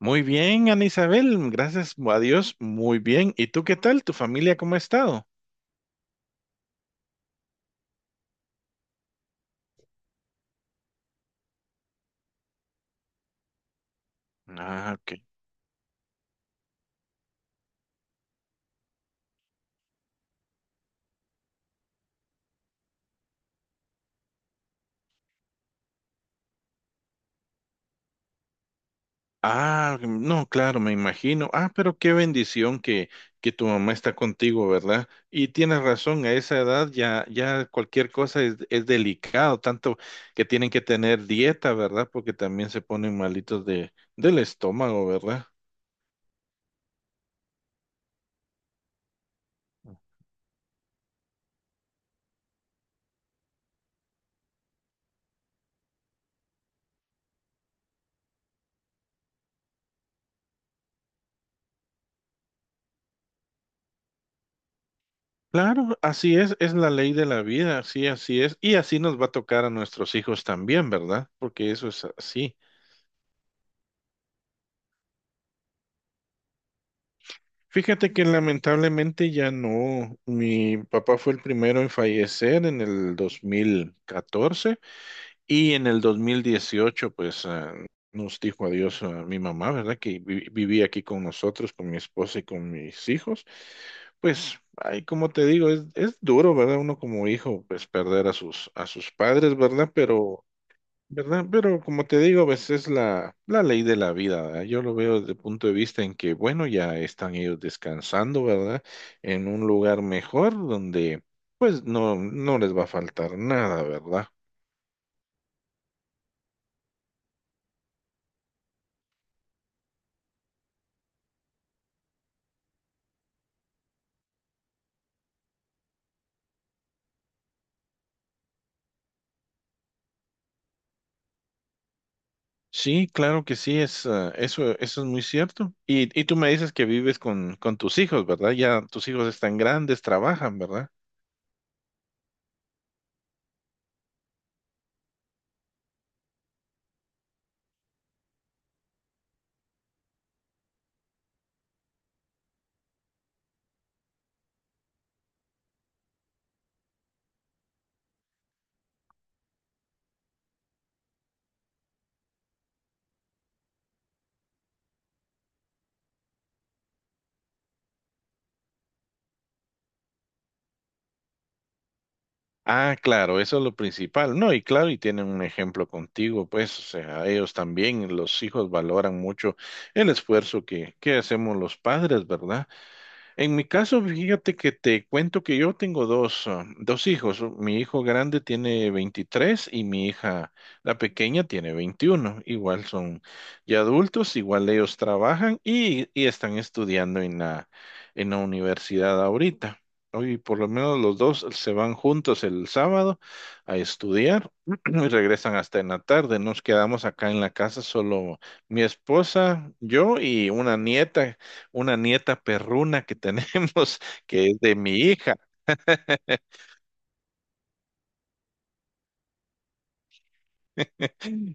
Muy bien, Ana Isabel, gracias a Dios, muy bien. ¿Y tú qué tal? ¿Tu familia cómo ha estado? Ah, ok. Ah, no, claro, me imagino. Ah, pero qué bendición que tu mamá está contigo, ¿verdad? Y tienes razón, a esa edad ya, ya cualquier cosa es delicado, tanto que tienen que tener dieta, ¿verdad? Porque también se ponen malitos del estómago, ¿verdad? Claro, así es la ley de la vida, así, así es, y así nos va a tocar a nuestros hijos también, ¿verdad? Porque eso es así. Fíjate que lamentablemente ya no. Mi papá fue el primero en fallecer en el 2014 y en el 2018 pues nos dijo adiós a mi mamá, ¿verdad? Que vivía aquí con nosotros, con mi esposa y con mis hijos. Pues, ay, como te digo, es duro, ¿verdad? Uno como hijo pues perder a sus padres, ¿verdad? Pero ¿verdad? Pero como te digo, pues es la ley de la vida, ¿verdad? Yo lo veo desde el punto de vista en que, bueno, ya están ellos descansando, ¿verdad? En un lugar mejor donde, pues, no les va a faltar nada, ¿verdad? Sí, claro que sí, eso es muy cierto. Y tú me dices que vives con tus hijos, ¿verdad? Ya tus hijos están grandes, trabajan, ¿verdad? Ah, claro, eso es lo principal. No, y claro, y tienen un ejemplo contigo, pues, o sea, ellos también, los hijos valoran mucho el esfuerzo que hacemos los padres, ¿verdad? En mi caso, fíjate que te cuento que yo tengo dos hijos. Mi hijo grande tiene 23 y mi hija, la pequeña, tiene 21. Igual son ya adultos, igual ellos trabajan y están estudiando en la universidad ahorita. Hoy por lo menos los dos se van juntos el sábado a estudiar y regresan hasta en la tarde. Nos quedamos acá en la casa solo mi esposa, yo y una nieta perruna que tenemos, que es de mi hija.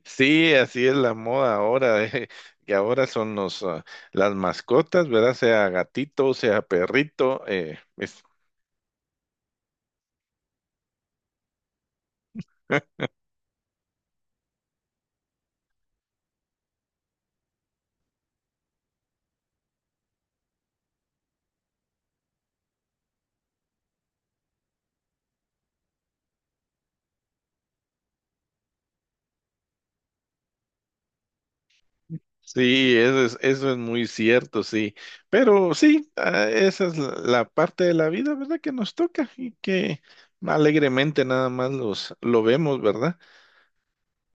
Sí, así es la moda ahora, que ahora son las mascotas, ¿verdad? Sea gatito, sea perrito. Sí, eso es muy cierto, sí. Pero sí, esa es la parte de la vida, ¿verdad? Que nos toca y que alegremente nada más lo vemos, ¿verdad?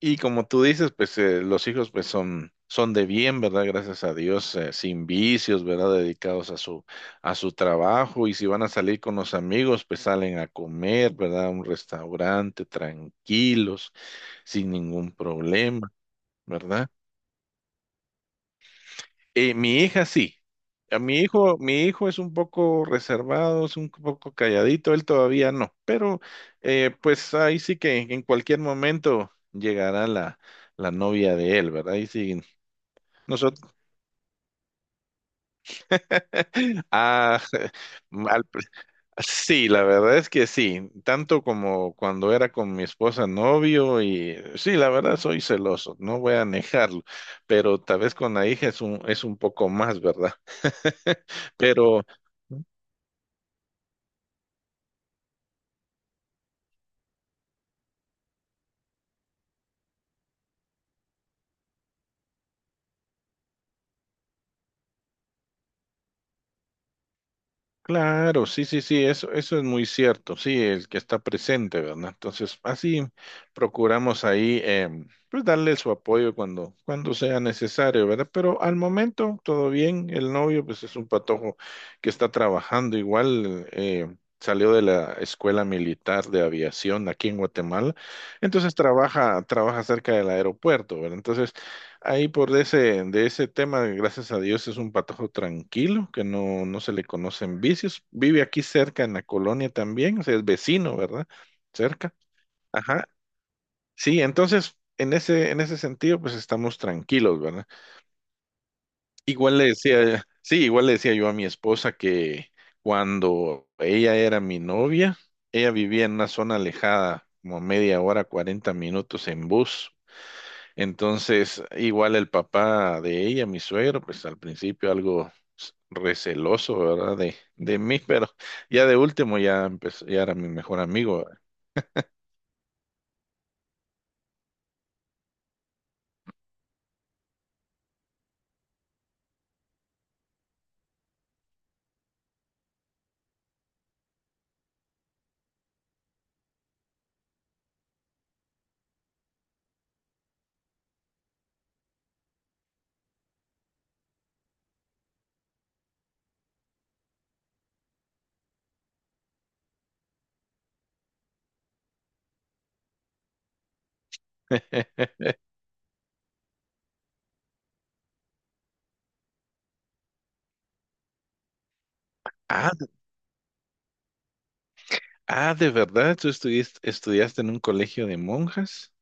Y como tú dices, pues los hijos pues son de bien, ¿verdad? Gracias a Dios, sin vicios, ¿verdad? Dedicados a su trabajo y si van a salir con los amigos, pues salen a comer, ¿verdad? A un restaurante tranquilos, sin ningún problema, ¿verdad? Mi hija sí. A mi hijo es un poco reservado, es un poco calladito, él todavía no, pero pues ahí sí que en cualquier momento llegará la novia de él, ¿verdad? Ahí sí Nosotros, ah, al pr- sí, la verdad es que sí, tanto como cuando era con mi esposa novio y sí, la verdad soy celoso, no voy a negarlo, pero tal vez con la hija es un poco más, ¿verdad? Pero claro, sí, sí, sí, eso es muy cierto, sí, el que está presente, ¿verdad? Entonces, así procuramos ahí, pues darle su apoyo cuando sea necesario, ¿verdad? Pero al momento, todo bien, el novio, pues es un patojo que está trabajando igual, salió de la Escuela Militar de Aviación aquí en Guatemala, entonces trabaja cerca del aeropuerto, ¿verdad? Entonces, ahí por de ese tema, gracias a Dios, es un patojo tranquilo, que no se le conocen vicios. Vive aquí cerca en la colonia también, o sea, es vecino, ¿verdad? Cerca. Ajá. Sí, entonces, en ese sentido, pues estamos tranquilos, ¿verdad? Igual le decía, sí, igual le decía yo a mi esposa que cuando ella era mi novia, ella vivía en una zona alejada, como a media hora, 40 minutos en bus. Entonces, igual el papá de ella, mi suegro, pues al principio algo receloso, ¿verdad? De mí, pero ya de último ya empezó, ya era mi mejor amigo. Ah, de- de verdad, tú estudiaste en un colegio de monjas.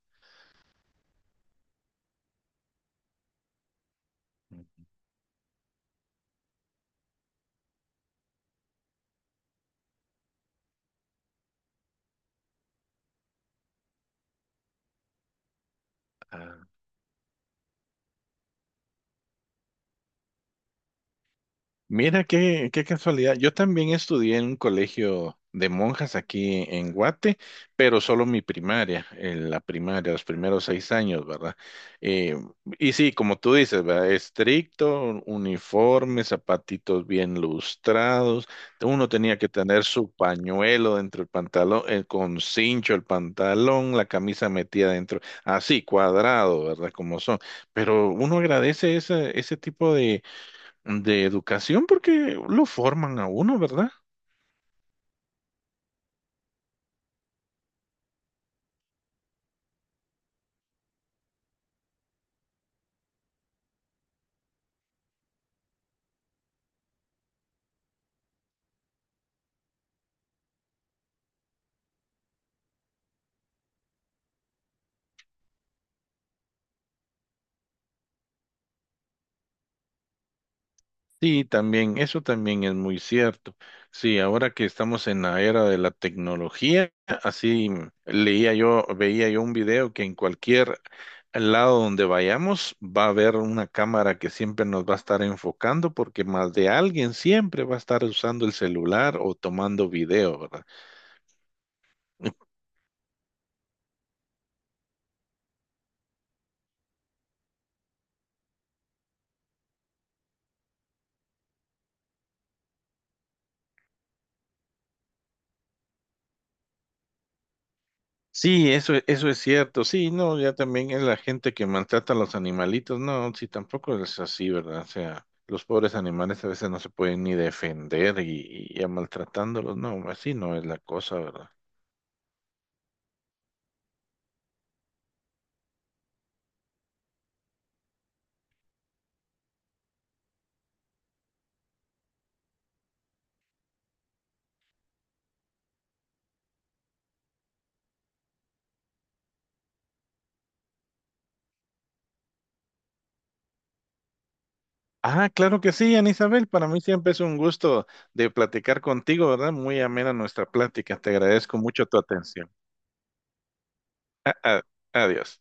Mira qué, casualidad. Yo también estudié en un colegio de monjas aquí en Guate, pero solo mi primaria, en la primaria, los primeros 6 años, ¿verdad? Eh, y sí, como tú dices, ¿verdad? Estricto, uniforme, zapatitos bien lustrados. Uno tenía que tener su pañuelo dentro del pantalón, con cincho el pantalón, la camisa metida dentro, así, cuadrado, ¿verdad? Como son. Pero uno agradece ese tipo de educación porque lo forman a uno, ¿verdad? Sí, también, eso también es muy cierto. Sí, ahora que estamos en la era de la tecnología, así leía yo, veía yo un video que en cualquier lado donde vayamos va a haber una cámara que siempre nos va a estar enfocando porque más de alguien siempre va a estar usando el celular o tomando video, ¿verdad? Sí, eso es cierto. Sí, no, ya también es la gente que maltrata a los animalitos. No, sí, tampoco es así, ¿verdad? O sea, los pobres animales a veces no se pueden ni defender y ya maltratándolos. No, así no es la cosa, ¿verdad? Ah, claro que sí, Ana Isabel. Para mí siempre es un gusto de platicar contigo, ¿verdad? Muy amena nuestra plática. Te agradezco mucho tu atención. A- a- Adiós.